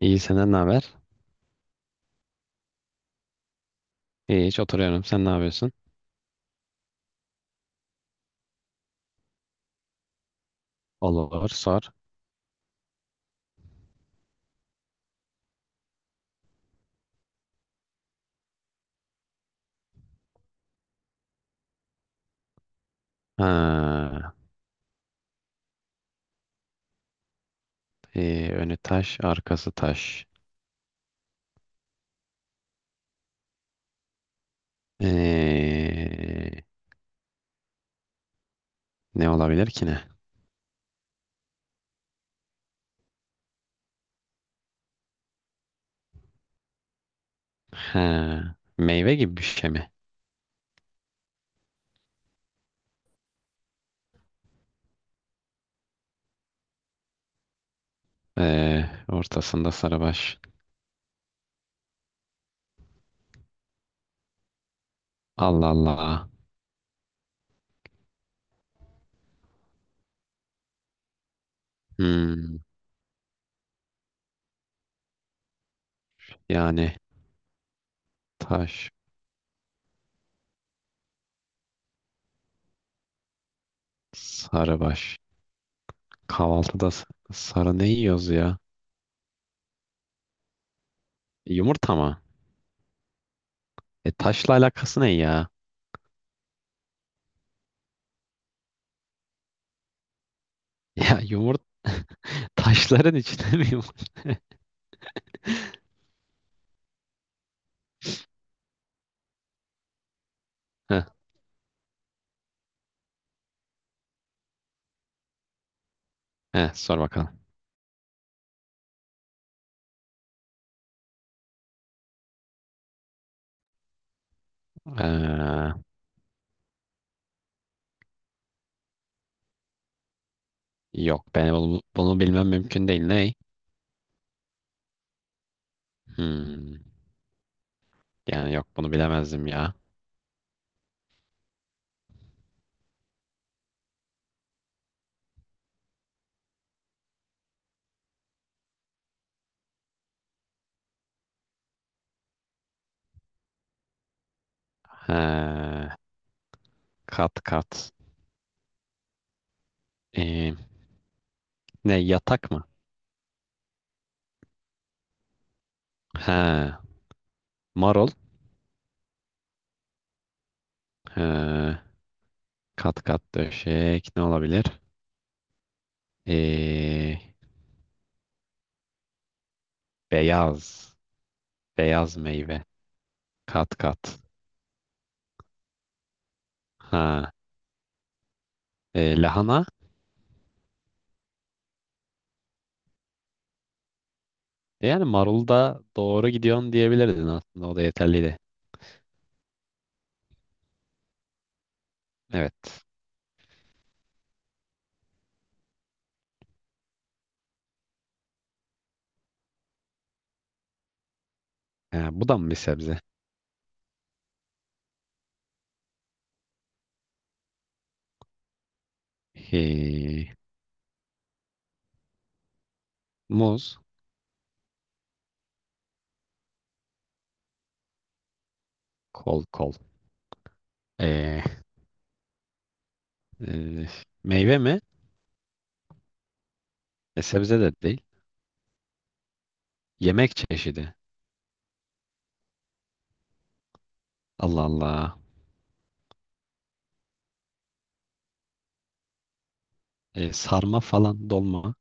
İyi senden ne haber? İyi hiç oturuyorum. Sen ne yapıyorsun? Olur sor. Ha, önü taş, arkası taş. Ee, Ne olabilir ki ne? Ha, meyve gibi bir şey mi? Ortasında sarıbaş. Allah Allah. Hmm, yani taş, sarıbaş. Kahvaltıda sarı ne yiyoruz ya? Yumurta mı? E, taşla alakası ne ya? Ya yumurta taşların içinde mi yumurta? Heh, sor bakalım. Ee, Yok ben bunu bilmem mümkün değil. Ney? Hmm, yani yok bunu bilemezdim ya. Ha, kat kat. Ee, Ne yatak mı? Ha, marul. Ha, kat kat döşek ne olabilir? Ee, Beyaz. Beyaz meyve. Kat kat. Ha, lahana. Yani marul da doğru gidiyorsun diyebilirdin aslında. O da yeterliydi. Evet. Bu da mı bir sebze? He. Muz, kol kol. Ee, e, Meyve mi? E, sebze de değil. Yemek çeşidi. Allah Allah. E, sarma falan, dolma.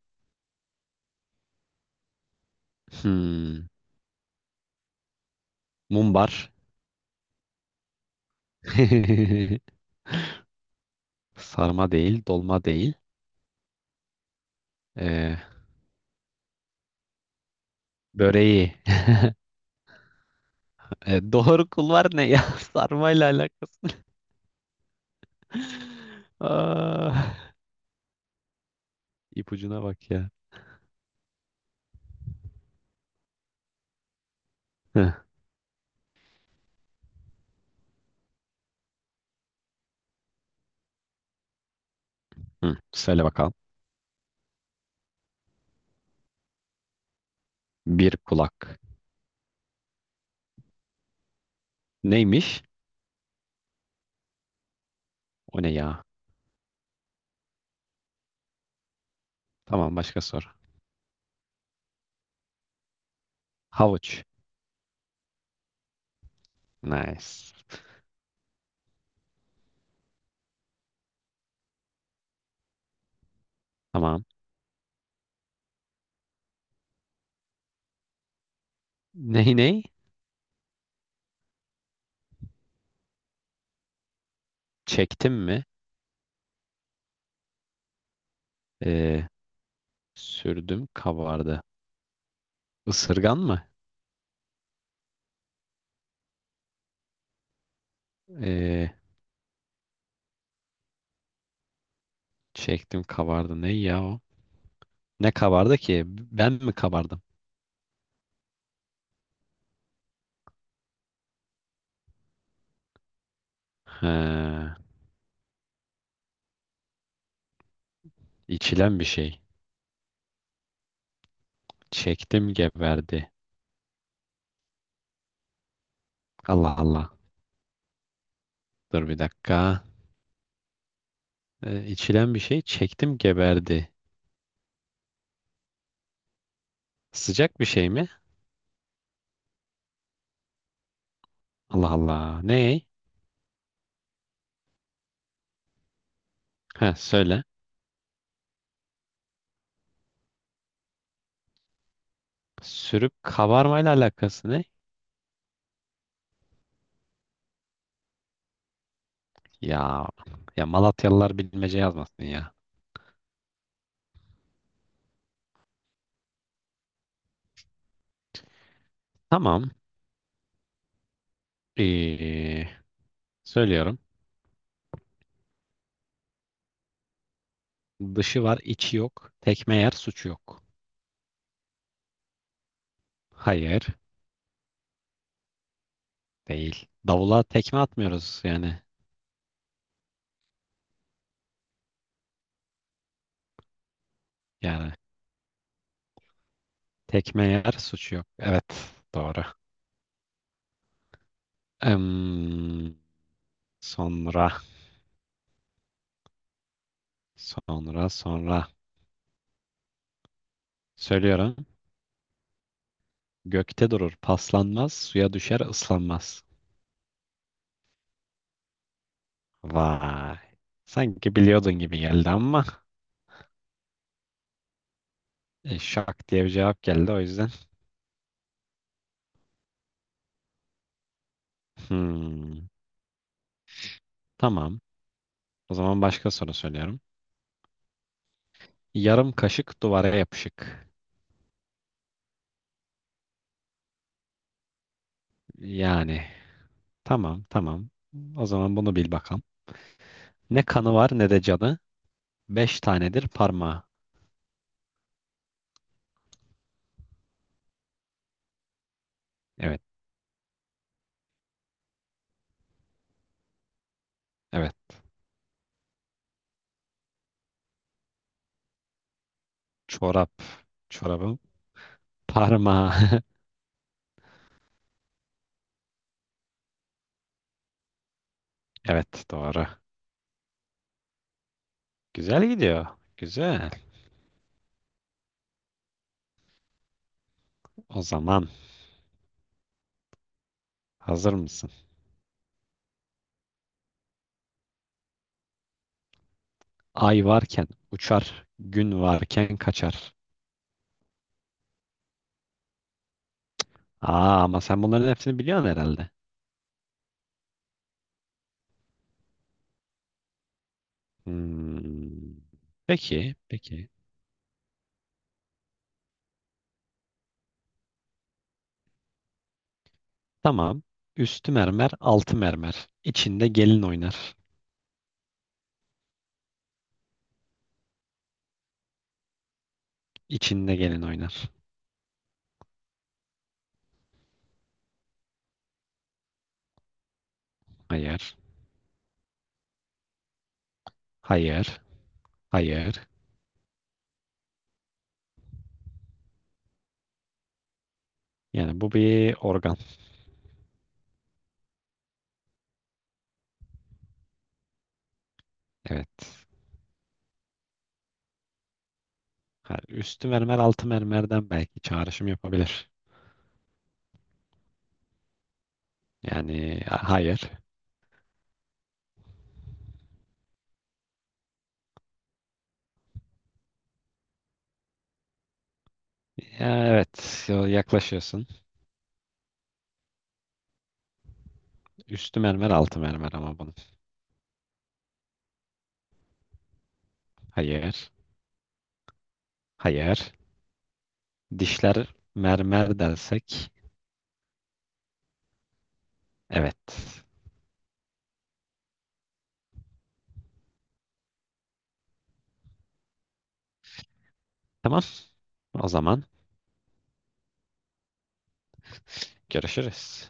Hmm, mumbar. Sarma değil, dolma değil. E, böreği. E, doğru kul var ne ya? Sarmayla alakası. Aa, ipucuna bak ya. Hı, hı, söyle bakalım. Bir kulak. Neymiş? O ne ya? Tamam başka sor. Havuç. Nice. Tamam. Ney ney? Çektim mi? Ee, Sürdüm kabardı. Isırgan mı? Ee, Çektim kabardı. Ne ya o? Ne kabardı ki? Ben mi kabardım? Ha, içilen bir şey. Çektim geberdi. Allah Allah. Dur bir dakika. İçilen bir şey. Çektim geberdi. Sıcak bir şey mi? Allah Allah. Ne? Ha, söyle. Sürüp kabarmayla alakası ne? Ya ya Malatyalılar bilmece yazmasın ya. Tamam. Ee, Söylüyorum. Dışı var, içi yok. Tekme yer, suçu yok. Hayır, değil. Davula tekme atmıyoruz yani. Yani tekme yer, suçu yok. Evet, doğru. Em, sonra, sonra. Söylüyorum. Gökte durur, paslanmaz, suya düşer, ıslanmaz. Vay. Sanki biliyordun gibi geldi ama şak diye bir cevap geldi o yüzden. Hmm, tamam. O zaman başka soru söylüyorum. Yarım kaşık duvara yapışık. Yani tamam. O zaman bunu bil bakalım. Ne kanı var ne de canı. Beş tanedir parmağı. Evet evet. Çorap. Çorabın parmağı. Evet doğru. Güzel gidiyor. Güzel. O zaman hazır mısın? Ay varken uçar. Gün varken kaçar. Aa ama sen bunların hepsini biliyorsun herhalde. Hmm. Peki peki. Tamam. Üstü mermer altı mermer. İçinde gelin oynar. İçinde gelin oynar. Hayır. Hayır. Hayır. Yani bu bir organ. Evet. Ha, üstü mermer altı mermerden belki çağrışım yapabilir. Yani hayır. Ya, evet. Yaklaşıyorsun. Üstü mermer altı mermer ama bunun. Hayır. Hayır. Dişler mermer dersek. Evet. Tamam. O zaman görüşürüz.